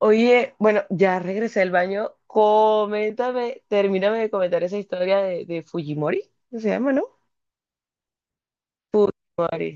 Oye, bueno, ya regresé del baño. Coméntame, termíname de comentar esa historia de Fujimori, ¿qué se llama, no? Fujimori.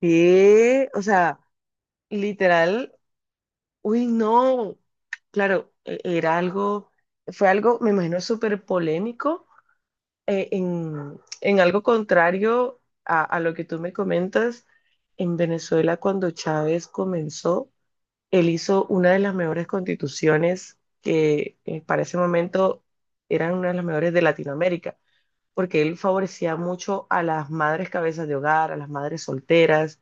Sí, o sea, literal, uy, no. Claro, era algo, fue algo, me imagino, súper polémico, en algo contrario a lo que tú me comentas en Venezuela cuando Chávez comenzó. Él hizo una de las mejores constituciones que para ese momento eran una de las mejores de Latinoamérica, porque él favorecía mucho a las madres cabezas de hogar, a las madres solteras,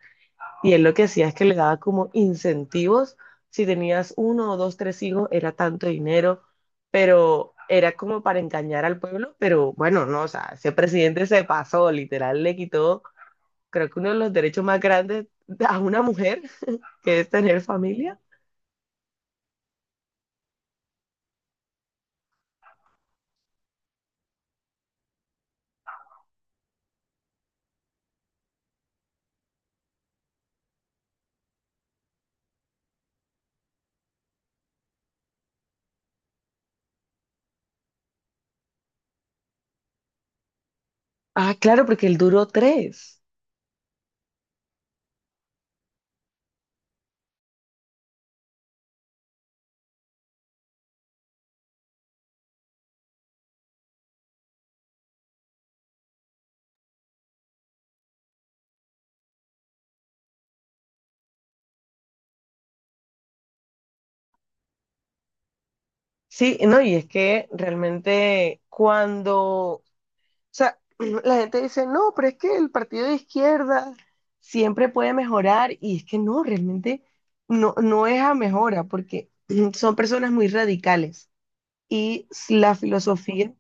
y él lo que hacía es que le daba como incentivos, si tenías uno o dos, tres hijos, era tanto dinero, pero era como para engañar al pueblo, pero bueno, no, o sea, ese presidente se pasó, literal, le quitó, creo que uno de los derechos más grandes a una mujer, que es tener familia. Ah, claro, porque él duró tres. Sí, no, y es que realmente cuando, o sea, la gente dice, no, pero es que el partido de izquierda siempre puede mejorar, y es que no, realmente no, no es a mejora, porque son personas muy radicales y la filosofía.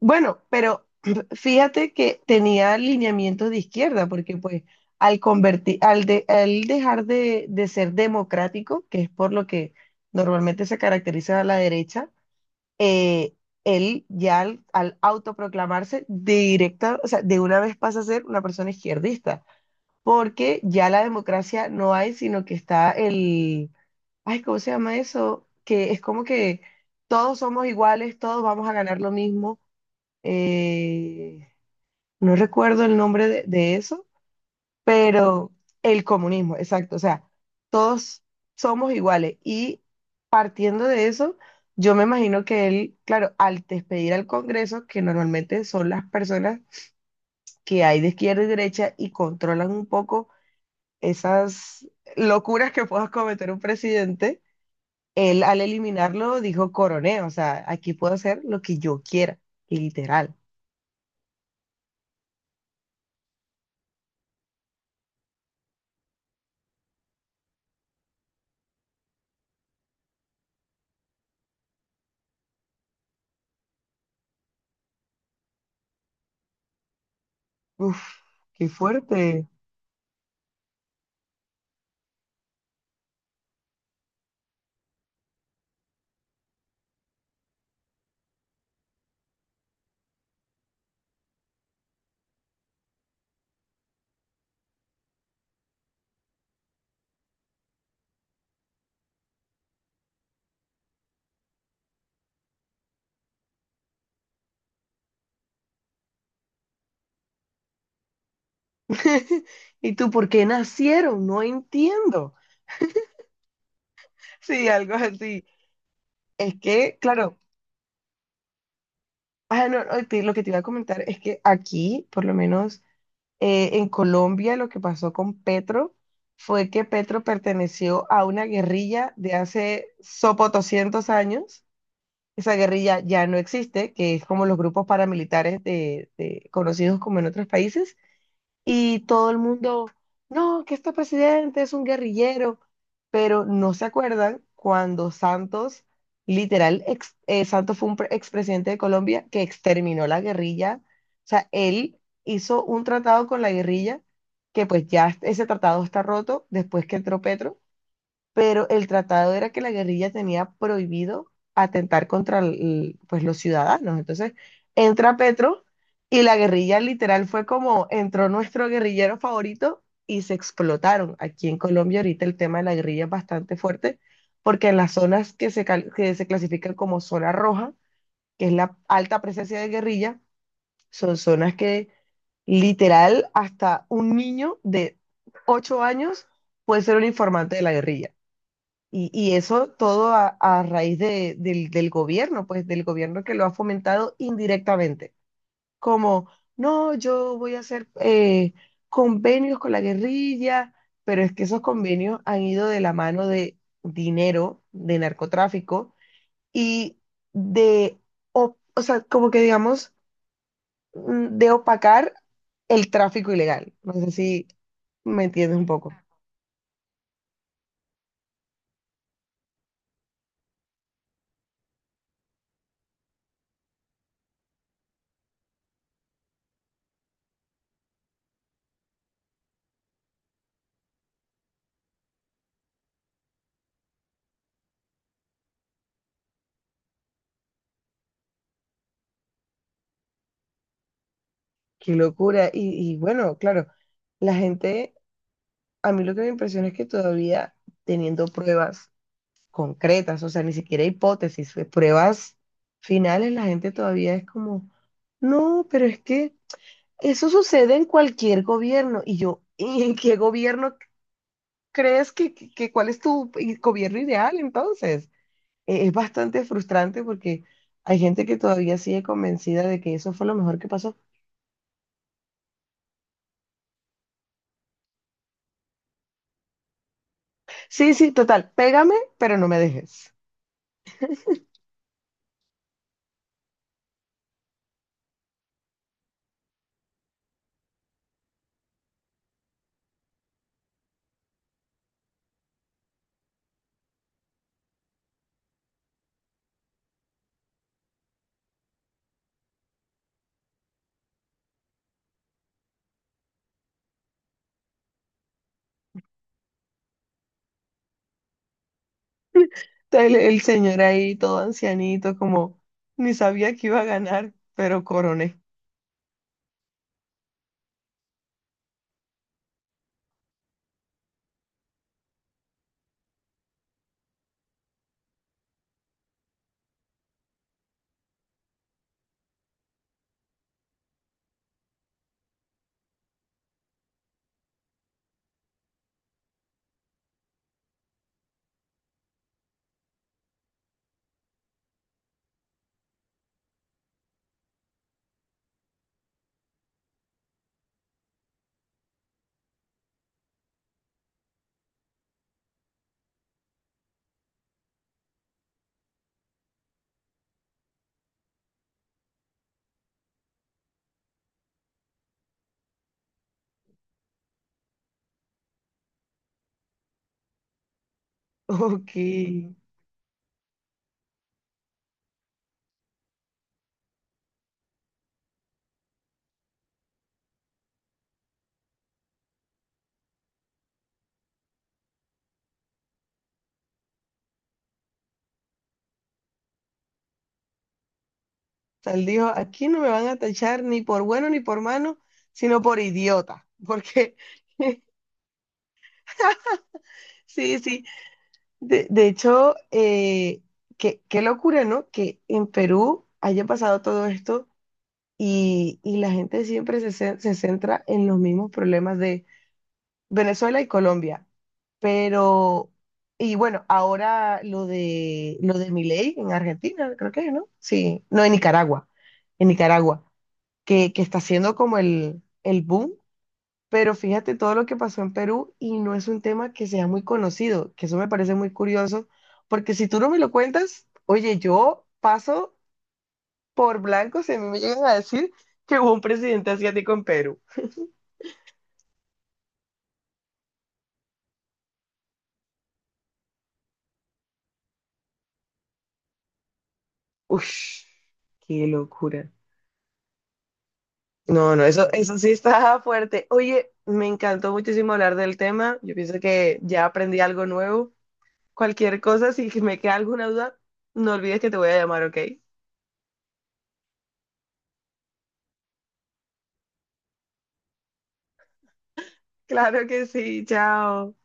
Bueno, pero fíjate que tenía alineamiento de izquierda, porque pues al convertir, al, al dejar de ser democrático, que es por lo que normalmente se caracteriza a la derecha, eh, él ya al, al autoproclamarse directa, o sea, de una vez pasa a ser una persona izquierdista, porque ya la democracia no hay, sino que está el, ay, ¿cómo se llama eso? Que es como que todos somos iguales, todos vamos a ganar lo mismo, eh, no recuerdo el nombre de eso, pero el comunismo, exacto, o sea, todos somos iguales y partiendo de eso, yo me imagino que él, claro, al despedir al Congreso, que normalmente son las personas que hay de izquierda y derecha y controlan un poco esas locuras que pueda cometer un presidente, él al eliminarlo dijo coroné, o sea, aquí puedo hacer lo que yo quiera, literal. Uf, qué fuerte. ¿Y tú por qué nacieron? No entiendo. Sí, algo así. Es que, claro, ah, no, no, lo que te iba a comentar es que aquí, por lo menos en Colombia, lo que pasó con Petro fue que Petro perteneció a una guerrilla de hace sopo 200 años. Esa guerrilla ya no existe, que es como los grupos paramilitares conocidos como en otros países. Y todo el mundo, no, que este presidente es un guerrillero, pero no se acuerdan cuando Santos, literal, Santos fue un expresidente de Colombia que exterminó la guerrilla, o sea, él hizo un tratado con la guerrilla, que pues ya ese tratado está roto después que entró Petro, pero el tratado era que la guerrilla tenía prohibido atentar contra pues, los ciudadanos. Entonces entra Petro y la guerrilla literal fue como entró nuestro guerrillero favorito y se explotaron. Aquí en Colombia ahorita el tema de la guerrilla es bastante fuerte porque en las zonas que que se clasifican como zona roja, que es la alta presencia de guerrilla, son zonas que literal hasta un niño de 8 años puede ser un informante de la guerrilla. Y eso todo a raíz del gobierno, pues del gobierno que lo ha fomentado indirectamente. Como, no, yo voy a hacer convenios con la guerrilla, pero es que esos convenios han ido de la mano de dinero, de narcotráfico y de, o sea, como que digamos, de opacar el tráfico ilegal. No sé si me entiendes un poco. Qué locura. Y bueno, claro, la gente, a mí lo que me impresiona es que todavía teniendo pruebas concretas, o sea, ni siquiera hipótesis, fue pruebas finales, la gente todavía es como, no, pero es que eso sucede en cualquier gobierno. Y yo, ¿y en qué gobierno crees que, cuál es tu gobierno ideal entonces? Es bastante frustrante porque hay gente que todavía sigue convencida de que eso fue lo mejor que pasó. Sí, sí, total, pégame, pero no me dejes. El señor ahí todo ancianito, como ni sabía que iba a ganar, pero coroné. Ok. Tal dijo, aquí no me van a tachar ni por bueno ni por malo, sino por idiota. Porque, sí, sí. De hecho, qué, qué locura, ¿no? Que en Perú haya pasado todo esto y la gente siempre se centra en los mismos problemas de Venezuela y Colombia. Pero, y bueno, ahora lo de Milei en Argentina, creo que, ¿no? Sí, no, en Nicaragua, que está siendo como el boom, pero fíjate todo lo que pasó en Perú y no es un tema que sea muy conocido, que eso me parece muy curioso, porque si tú no me lo cuentas, oye, yo paso por blanco si a mí me llegan a decir que hubo un presidente asiático en Perú. Uf, qué locura. No, no, eso sí está fuerte. Oye, me encantó muchísimo hablar del tema. Yo pienso que ya aprendí algo nuevo. Cualquier cosa, si me queda alguna duda, no olvides que te voy a llamar, ¿ok? Claro que sí, chao.